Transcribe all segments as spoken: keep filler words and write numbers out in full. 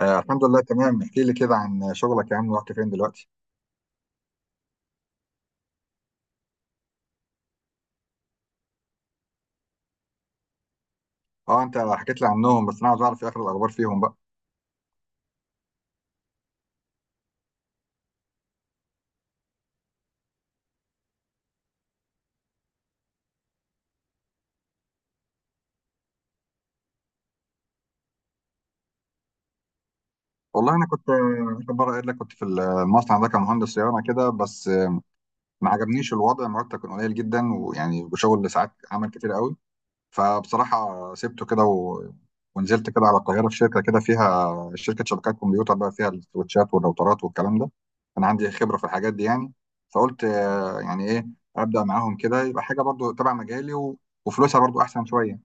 آه الحمد لله تمام. احكي لي كده عن شغلك يا عم. رحت فين دلوقتي؟ اه، انت حكيت لي عنهم بس انا عاوز اعرف ايه اخر الاخبار فيهم بقى. والله انا كنت آه، اخر مره قايل لك كنت في المصنع ده كمهندس صيانه كده بس آه، ما عجبنيش الوضع. مرتب كان قليل جدا ويعني وشغل ساعات عمل كتير قوي. فبصراحة سبته كده و... ونزلت كده على القاهرة في شركة، كده فيها شركة شبكات كمبيوتر بقى فيها السويتشات والراوترات والكلام ده. أنا عندي خبرة في الحاجات دي يعني. فقلت آه، يعني إيه، أبدأ معاهم كده يبقى حاجة برضو تبع مجالي و... وفلوسها برضو أحسن شوية.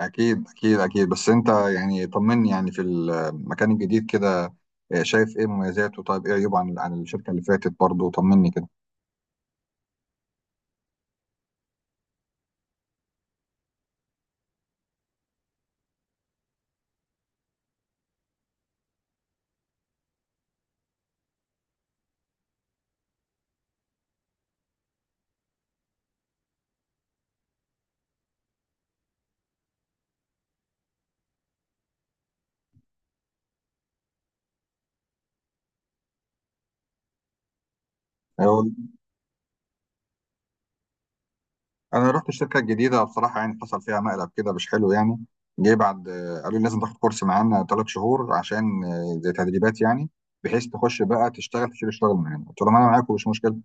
أكيد أكيد أكيد، بس أنت يعني طمني يعني في المكان الجديد كده. آه، شايف إيه مميزاته؟ طيب إيه عيوبه عن عن الشركة اللي فاتت برضو؟ طمني كده. انا رحت الشركه الجديده بصراحه، يعني حصل فيها مقلب كده مش حلو يعني. جه بعد، آه، قالوا لي لازم تاخد كورس معانا ثلاث شهور عشان آه، زي تدريبات يعني، بحيث تخش بقى تشتغل تشيل الشغل معانا. قلت لهم انا معاكم، مش مشكله.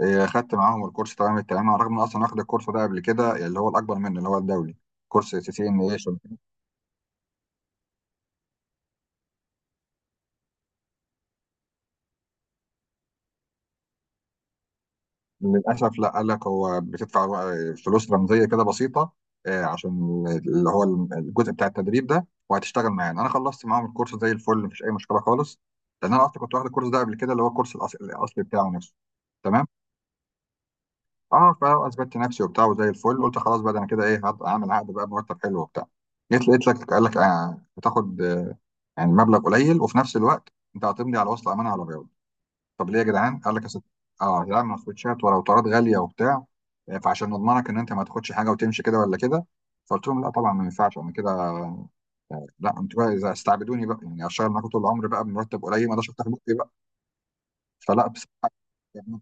آه، خدت معاهم الكورس تمام التمام، على الرغم ان اصلا واخد الكورس ده قبل كده اللي هو الاكبر منه اللي هو الدولي، كورس سي سي ان ايه. للأسف لا، قال لك هو بتدفع فلوس رمزية كده بسيطة آه، عشان اللي هو الجزء بتاع التدريب ده وهتشتغل معانا. أنا خلصت معاهم الكورس زي الفل، مفيش أي مشكلة خالص، لأن أنا أصلا كنت واخد الكورس ده قبل كده اللي هو الكورس الأص- الأصلي بتاعه نفسه. تمام. أه فأثبتت نفسي وبتاع وزي الفل، قلت خلاص بقى ده أنا كده إيه، هبقى أعمل عقد بقى، مرتب حلو وبتاع. جيت لقيت لك قال لك، آه، بتاخد آه، يعني مبلغ قليل، وفي نفس الوقت أنت هتمضي على وصل أمانة على بياض. طب ليه يا جدعان؟ قال لك يا ست، اه يا جدعان ما تاخدش ولو طارات غاليه وبتاع، آه، فعشان نضمنك ان انت ما تاخدش حاجه وتمشي كده ولا كده. فقلت لهم لا طبعا، ما ينفعش انا كده. لا انتوا بقى، اذا استعبدوني بقى يعني اشتغل معاكم طول العمر بقى بمرتب قليل، ما اقدرش افتح بقي بقى. فلا بصراحه يعني.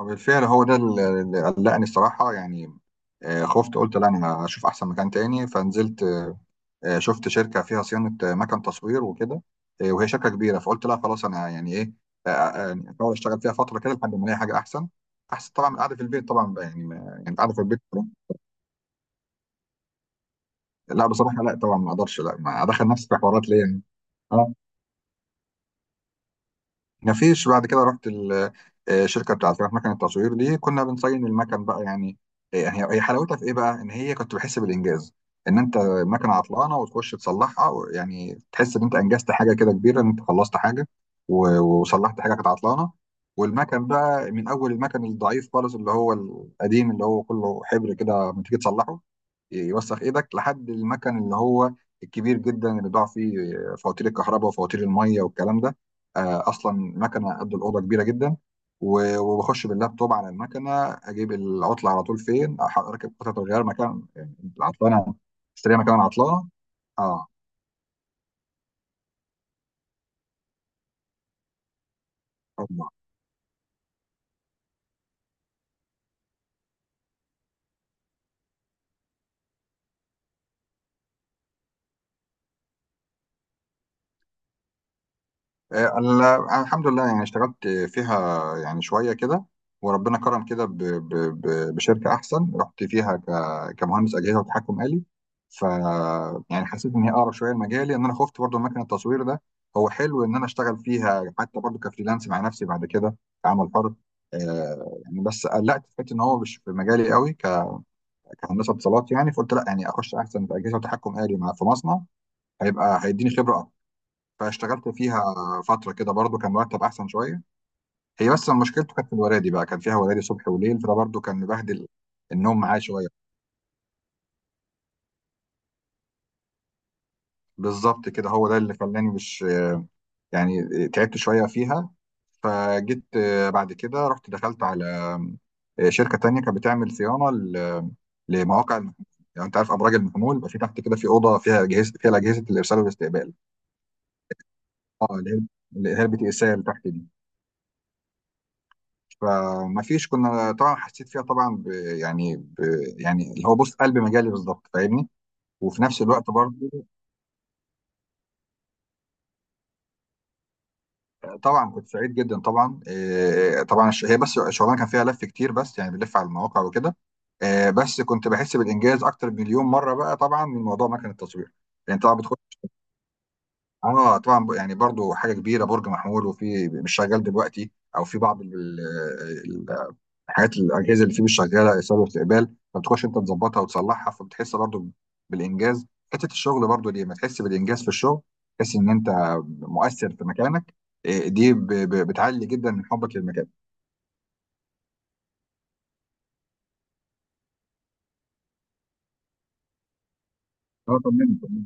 وبالفعل هو ده اللي اللي قلقني الصراحه يعني. آه، خفت، قلت لا انا هشوف احسن مكان تاني. فنزلت، آه، شفت شركه فيها صيانه آه، مكن تصوير وكده، آه، وهي شركه كبيره. فقلت لا خلاص انا يعني ايه، آه، آه، آه، يعني احاول اشتغل فيها فتره كده لحد ما الاقي حاجه احسن، احسن طبعا من القعده في البيت طبعا بقى، يعني ما يعني القعده في البيت. لا بصراحه، لا طبعا ما اقدرش لا ما ادخل نفسي في حوارات ليه يعني. اه. مفيش. بعد كده رحت ال- آه، الشركه بتاعت بتاعت مكن التصوير دي، كنا بنصين المكن بقى يعني. آه، هي هي حلاوتها في ايه بقى؟ ان هي كنت بحس بالانجاز، ان انت مكنه عطلانه وتخش تصلحها و- يعني تحس ان انت انجزت حاجه كده كبيره، ان انت خلصت حاجه و- وصلحت حاجه كانت عطلانه. والمكن بقى، من اول المكن الضعيف خالص اللي هو القديم اللي هو كله حبر كده لما تيجي تصلحه يوسخ ايدك، لحد المكن اللي هو الكبير جدا، اللي بيضاع فيه فواتير الكهرباء وفواتير الميه والكلام ده. آه، اصلا مكنه قد الاوضه كبيره جدا، و- وبخش باللابتوب على المكنه، اجيب العطله على طول فين. أح- اركب قطعه الغيار مكان العطلانه، اشتريها مكان العطلانه. اه. آه، ال- الحمد لله، يعني اشتغلت فيها يعني شوية كده، وربنا كرم كده ب- ب- ب- بشركة أحسن، رحت فيها ك- كمهندس أجهزة وتحكم آلي. ف يعني حسيت إن هي أقرب شوية لمجالي، إن أنا خفت برضو من مكان التصوير ده. هو حلو إن أنا أشتغل فيها حتى برضو كفريلانس مع نفسي بعد كده، كعمل حر. آه، يعني بس قلقت في حته إن هو مش في مجالي قوي ك- كهندسة اتصالات يعني، فقلت لا يعني أخش أحسن في أجهزة وتحكم آلي مع في مصنع، هيبقى هيديني خبرة. فاشتغلت فيها فترة كده، برضو كان مرتب أحسن شوية. هي بس مشكلته كانت في الورادي بقى، كان فيها ورادي صبح وليل، فده برضو كان مبهدل النوم معايا شوية. بالظبط كده، هو ده اللي خلاني مش، يعني تعبت شوية فيها. فجيت آه، بعد كده رحت دخلت على آه، شركة تانية كانت بتعمل صيانة ل- لمواقع المحمول. يعني أنت عارف أبراج المحمول بقى في تحت كده، في أوضة فيها أجهزة فيها أجهزة الإرسال والاستقبال. اه، اللي هي اللي هي البي تي اس ال تحت دي. فما فيش، كنا طبعا حسيت فيها طبعا ب يعني ب يعني اللي هو بص قلب مجالي بالظبط، فاهمني؟ وفي نفس الوقت برضه، طبعا كنت سعيد جدا طبعا، آه، طبعا الش- هي بس الشغلانه كان فيها لف كتير، بس يعني بنلف على المواقع وكده. آه، بس كنت بحس بالانجاز اكتر مليون مره بقى طبعا، من موضوع مكنه التصوير. يعني طبعا بتخش، اه طبعا ب- يعني برضو حاجه كبيره، برج محمول وفي مش شغال دلوقتي، او في بعض الحاجات الاجهزه اللي فيه مش شغاله ايصال واستقبال، ما بتخش انت تظبطها وتصلحها فبتحس برضو بالانجاز. حته الشغل برضو دي، ما تحس بالانجاز في الشغل، تحس ان انت مؤثر في مكانك. إيه، دي ب- ب- بتعلي جدا من حبك للمكان. اه، طمني طمني.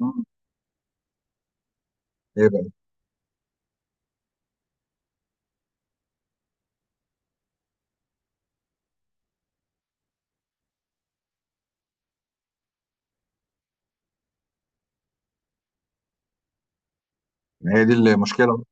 آه، ايه بقى؟ ما هي دي المشكله.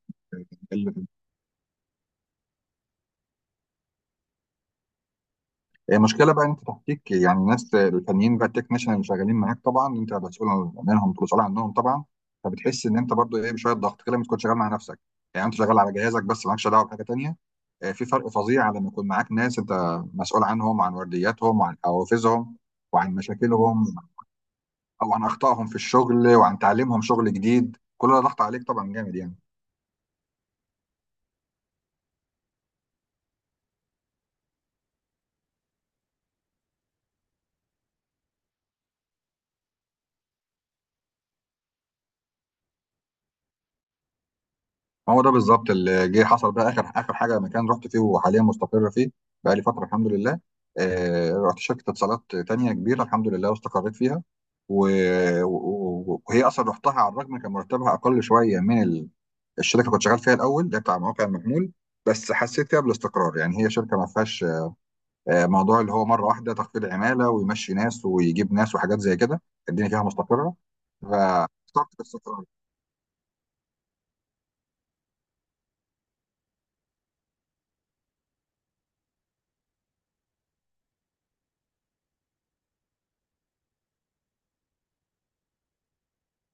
هي مشكله بقى إن انت تحتيك، يعني ناس الفنيين بقى، التكنيشن اللي شغالين معاك، طبعا انت مسؤول عنهم مسؤول عنهم طبعا. فبتحس ان انت برضو ايه، بشويه ضغط كده لما تكون شغال مع نفسك، يعني انت شغال على جهازك بس مالكش دعوه بحاجه تانيه. آه، في فرق فظيع على لما يكون معاك ناس انت مسؤول عنهم وعن وردياتهم وعن حوافزهم وعن مشاكلهم او عن اخطائهم في الشغل وعن تعليمهم شغل جديد. كل ده ضغط عليك طبعا جامد يعني. هو ده بالظبط اللي جه حصل بقى. اخر اخر حاجه مكان رحت فيه وحاليا مستقر فيه بقى لي فتره، الحمد لله. آه رحت شركه اتصالات تانية كبيره الحمد لله واستقريت فيها و... و... وهي اصلا رحتها على الرغم كان مرتبها اقل شويه من ال... الشركه اللي كنت شغال فيها الاول ده بتاع مواقع المحمول. بس حسيت فيها بالاستقرار، يعني هي شركه ما فيهاش آه، موضوع اللي هو مره واحده تخفيض عماله ويمشي ناس ويجيب ناس وحاجات زي كده. الدنيا فيها مستقره، فاخترت الاستقرار.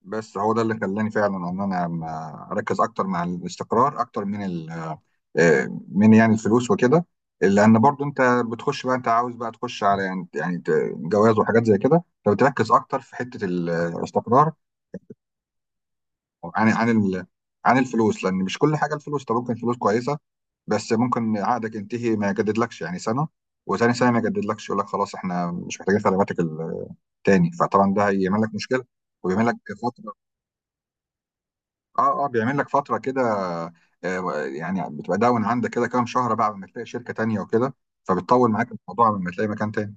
بس هو ده اللي خلاني فعلا ان انا ما اركز اكتر مع الاستقرار اكتر من ال آه، من يعني الفلوس وكده. لان برضو انت بتخش بقى، انت عاوز بقى تخش على يعني يعني ت- جواز وحاجات زي كده، فبتركز اكتر في حته ال- آه، الاستقرار عن عن ال- عن الفلوس، لان مش كل حاجه الفلوس. طب ممكن فلوس كويسه بس ممكن عقدك ينتهي ما يجددلكش يعني سنه، وثاني سنه ما يجددلكش يقول لك خلاص احنا مش محتاجين خدماتك التاني، فطبعا ده هيعمل لك مشكله ويعمل لك، اه اه بيعمل لك فتره كده. آه، يعني بتبقى داون عندك كده كام شهر بقى لما تلاقي شركه تانية وكده، فبتطول معاك الموضوع لما تلاقي مكان تاني.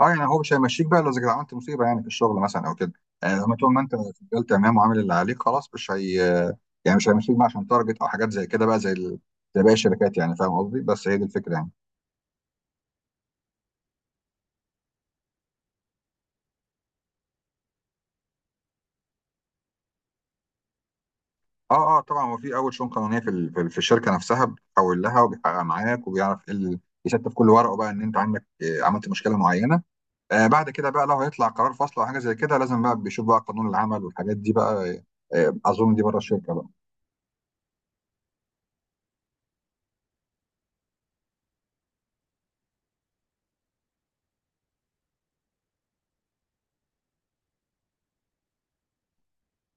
اه، يعني هو مش هيمشيك بقى لو إذا عملت مصيبه يعني في الشغل مثلا او كده، يعني لما طول ما انت شغال تمام وعامل اللي عليك خلاص مش هي، يعني مش هيمشيك بقى عشان تارجت او حاجات زي كده بقى زي ال... زي باقي الشركات يعني، فاهم قصدي؟ بس هي دي الفكره يعني. اه اه طبعا، هو في اول شؤون قانونيه في ال... في ال- في الشركه نفسها بتحول لها، وبيحقق معاك وبيعرف ايه ال... يستف كل ورقه بقى ان انت عندك آه، عملت مشكله معينه. آه بعد كده بقى، لو هيطلع قرار فصل او حاجه زي كده لازم بقى بيشوف بقى قانون العمل والحاجات دي بقى آه آه، اظن دي بره الشركه بقى.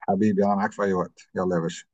حبيبي، انا معاك في اي وقت. يلا يا باشا.